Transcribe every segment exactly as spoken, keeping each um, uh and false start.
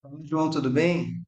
Fala, João, tudo bem?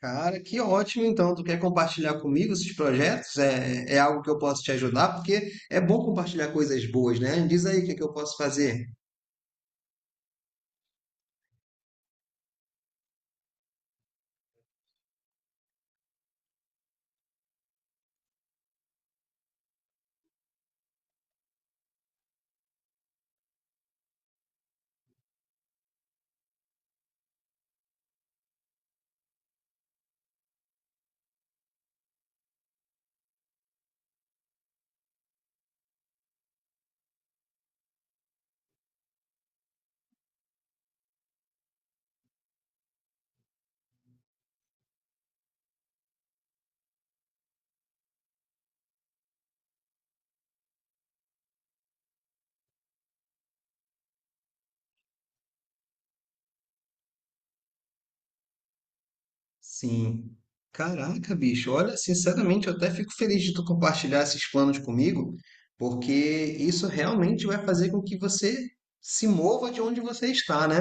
Cara, que ótimo então! Tu quer compartilhar comigo esses projetos? É, é algo que eu posso te ajudar, porque é bom compartilhar coisas boas, né? Diz aí o que é que eu posso fazer. Sim. Caraca, bicho, olha, sinceramente, eu até fico feliz de tu compartilhar esses planos comigo, porque isso realmente vai fazer com que você se mova de onde você está, né?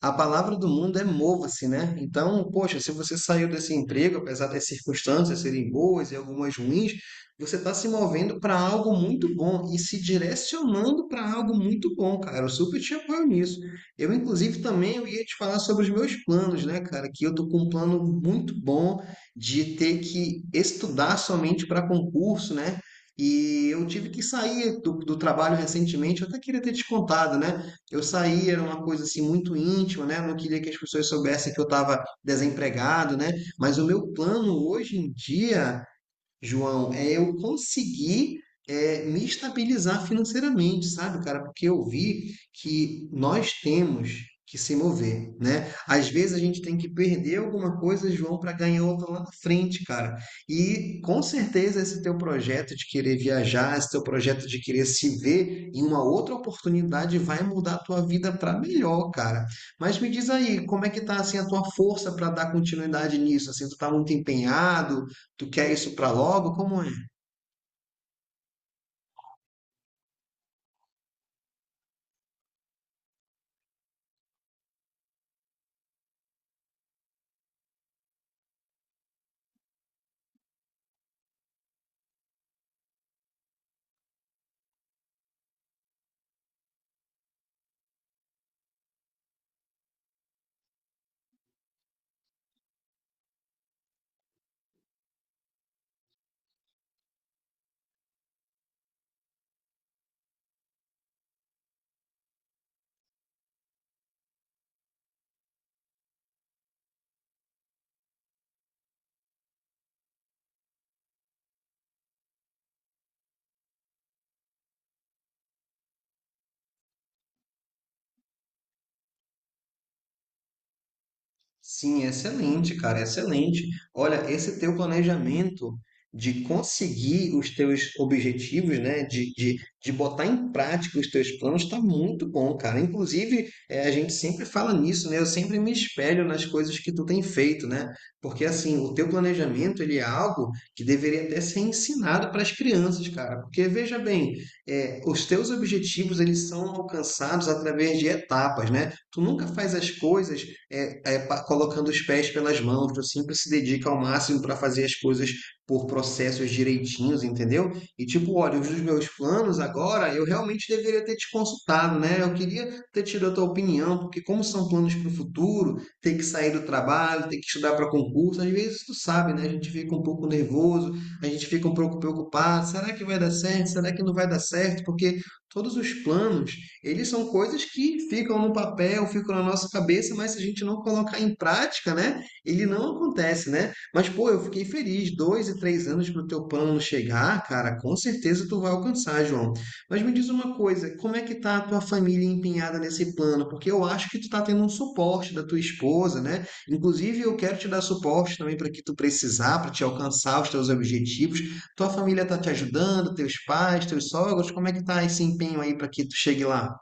A palavra do mundo é mova-se, né? Então, poxa, se você saiu desse emprego, apesar das circunstâncias serem boas e algumas ruins, você está se movendo para algo muito bom e se direcionando para algo muito bom, cara. Eu super te apoio nisso. Eu, inclusive, também eu ia te falar sobre os meus planos, né, cara? Que eu tô com um plano muito bom de ter que estudar somente para concurso, né? E eu tive que sair do, do trabalho recentemente, eu até queria ter te contado, né? Eu saí, era uma coisa assim muito íntima, né? Eu não queria que as pessoas soubessem que eu estava desempregado, né? Mas o meu plano hoje em dia, João, é eu conseguir é, me estabilizar financeiramente, sabe, cara? Porque eu vi que nós temos que se mover, né? Às vezes a gente tem que perder alguma coisa, João, para ganhar outra lá na frente, cara. E com certeza esse teu projeto de querer viajar, esse teu projeto de querer se ver em uma outra oportunidade vai mudar a tua vida para melhor, cara. Mas me diz aí, como é que tá assim a tua força para dar continuidade nisso? Assim, tu tá muito empenhado? Tu quer isso para logo? Como é? Sim, excelente, cara, excelente. Olha, esse teu planejamento de conseguir os teus objetivos, né, de, de, de botar em prática os teus planos, está muito bom, cara. Inclusive, eh, a gente sempre fala nisso, né? Eu sempre me espelho nas coisas que tu tem feito, né? Porque, assim, o teu planejamento, ele é algo que deveria até ser ensinado para as crianças, cara. Porque, veja bem, eh, os teus objetivos, eles são alcançados através de etapas, né? Tu nunca faz as coisas é, é, pa- colocando os pés pelas mãos, tu sempre se dedica ao máximo para fazer as coisas por processos direitinhos, entendeu? E tipo, olha, os meus planos agora, eu realmente deveria ter te consultado, né? Eu queria ter tido a tua opinião, porque como são planos para o futuro, ter que sair do trabalho, ter que estudar para concurso, às vezes tu sabe, né? A gente fica um pouco nervoso, a gente fica um pouco preocupado, será que vai dar certo? Será que não vai dar certo? Porque todos os planos, eles são coisas que ficam no papel, ficam na nossa cabeça, mas se a gente não colocar em prática, né, ele não acontece, né? Mas, pô, eu fiquei feliz, dois e três anos para o teu plano chegar, cara, com certeza tu vai alcançar, João. Mas me diz uma coisa, como é que tá a tua família empenhada nesse plano? Porque eu acho que tu tá tendo um suporte da tua esposa, né? Inclusive, eu quero te dar suporte também para que tu precisar, para te alcançar os teus objetivos. Tua família tá te ajudando, teus pais, teus sogros, como é que tá esse empenho aí para que tu chegue lá?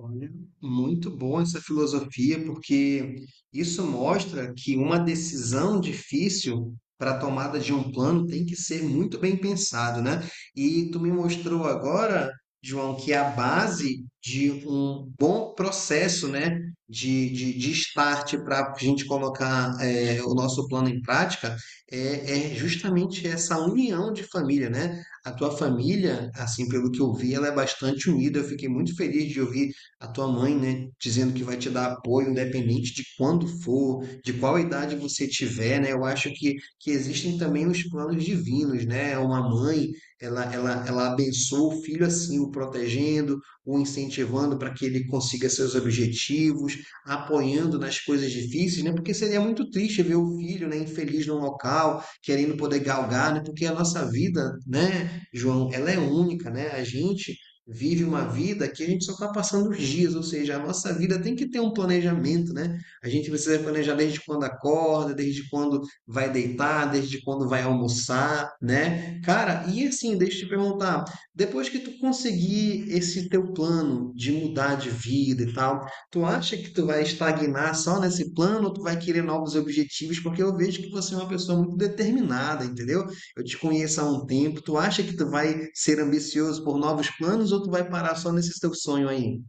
Olha, muito bom essa filosofia, porque isso mostra que uma decisão difícil para a tomada de um plano tem que ser muito bem pensado, né? E tu me mostrou agora, João, que é a base de um bom processo, né, de, de, de start para a gente colocar, eh, o nosso plano em prática é, é justamente essa união de família, né? A tua família, assim, pelo que eu vi, ela é bastante unida. Eu fiquei muito feliz de ouvir a tua mãe, né, dizendo que vai te dar apoio independente de quando for, de qual idade você tiver, né? Eu acho que, que existem também os planos divinos, né? Uma mãe, ela, ela, ela abençoa o filho assim, o protegendo, o incentivando para que ele consiga seus objetivos, apoiando nas coisas difíceis, né? Porque seria muito triste ver o filho, né, infeliz num local, querendo poder galgar, né? Porque a nossa vida, né, João, ela é única, né? A gente vive uma vida que a gente só está passando os dias, ou seja, a nossa vida tem que ter um planejamento, né? A gente precisa planejar desde quando acorda, desde quando vai deitar, desde quando vai almoçar, né? Cara, e assim, deixa eu te perguntar, depois que tu conseguir esse teu plano de mudar de vida e tal, tu acha que tu vai estagnar só nesse plano ou tu vai querer novos objetivos? Porque eu vejo que você é uma pessoa muito determinada, entendeu? Eu te conheço há um tempo. Tu acha que tu vai ser ambicioso por novos planos ou tu vai parar só nesse teu sonho aí?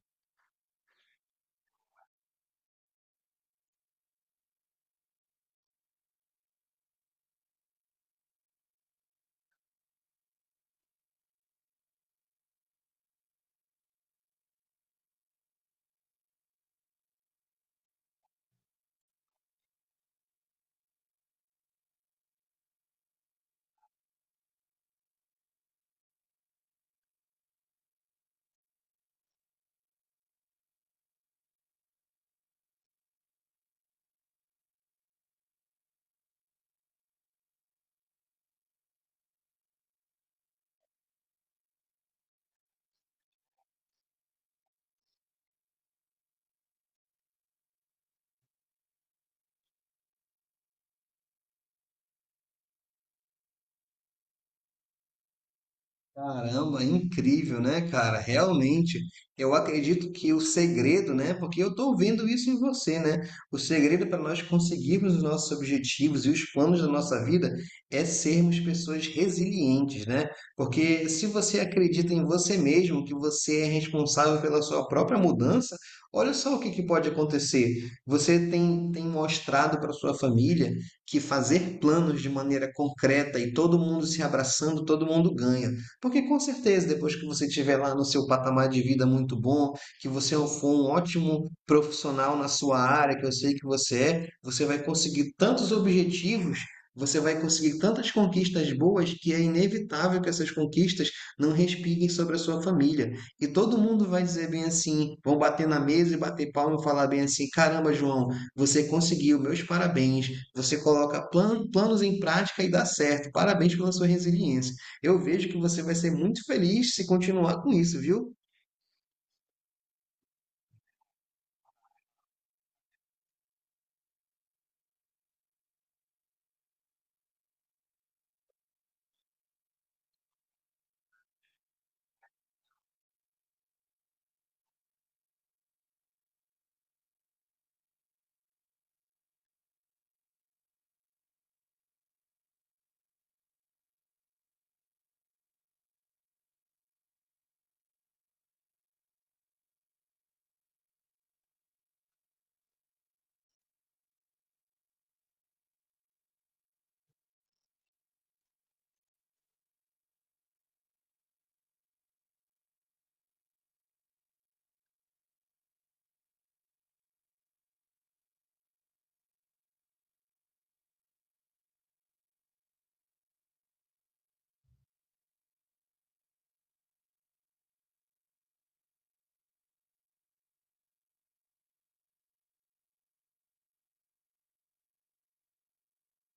Caramba, incrível, né, cara? Realmente, eu acredito que o segredo, né? Porque eu estou vendo isso em você, né? O segredo para nós conseguirmos os nossos objetivos e os planos da nossa vida é sermos pessoas resilientes, né? Porque se você acredita em você mesmo, que você é responsável pela sua própria mudança, olha só o que que pode acontecer. Você tem, tem mostrado para sua família que fazer planos de maneira concreta e todo mundo se abraçando, todo mundo ganha. Porque com certeza, depois que você estiver lá no seu patamar de vida muito bom, que você for um ótimo profissional na sua área, que eu sei que você é, você vai conseguir tantos objetivos, você vai conseguir tantas conquistas boas que é inevitável que essas conquistas não respinguem sobre a sua família. E todo mundo vai dizer bem assim, vão bater na mesa e bater palma e falar bem assim: caramba, João, você conseguiu, meus parabéns. Você coloca plan- planos em prática e dá certo. Parabéns pela sua resiliência. Eu vejo que você vai ser muito feliz se continuar com isso, viu?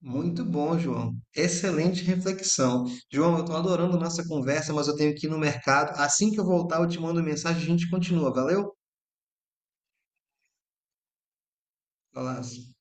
Muito bom, João. Excelente reflexão. João, eu estou adorando a nossa conversa, mas eu tenho que ir no mercado. Assim que eu voltar, eu te mando mensagem e a gente continua. Valeu? Abraço.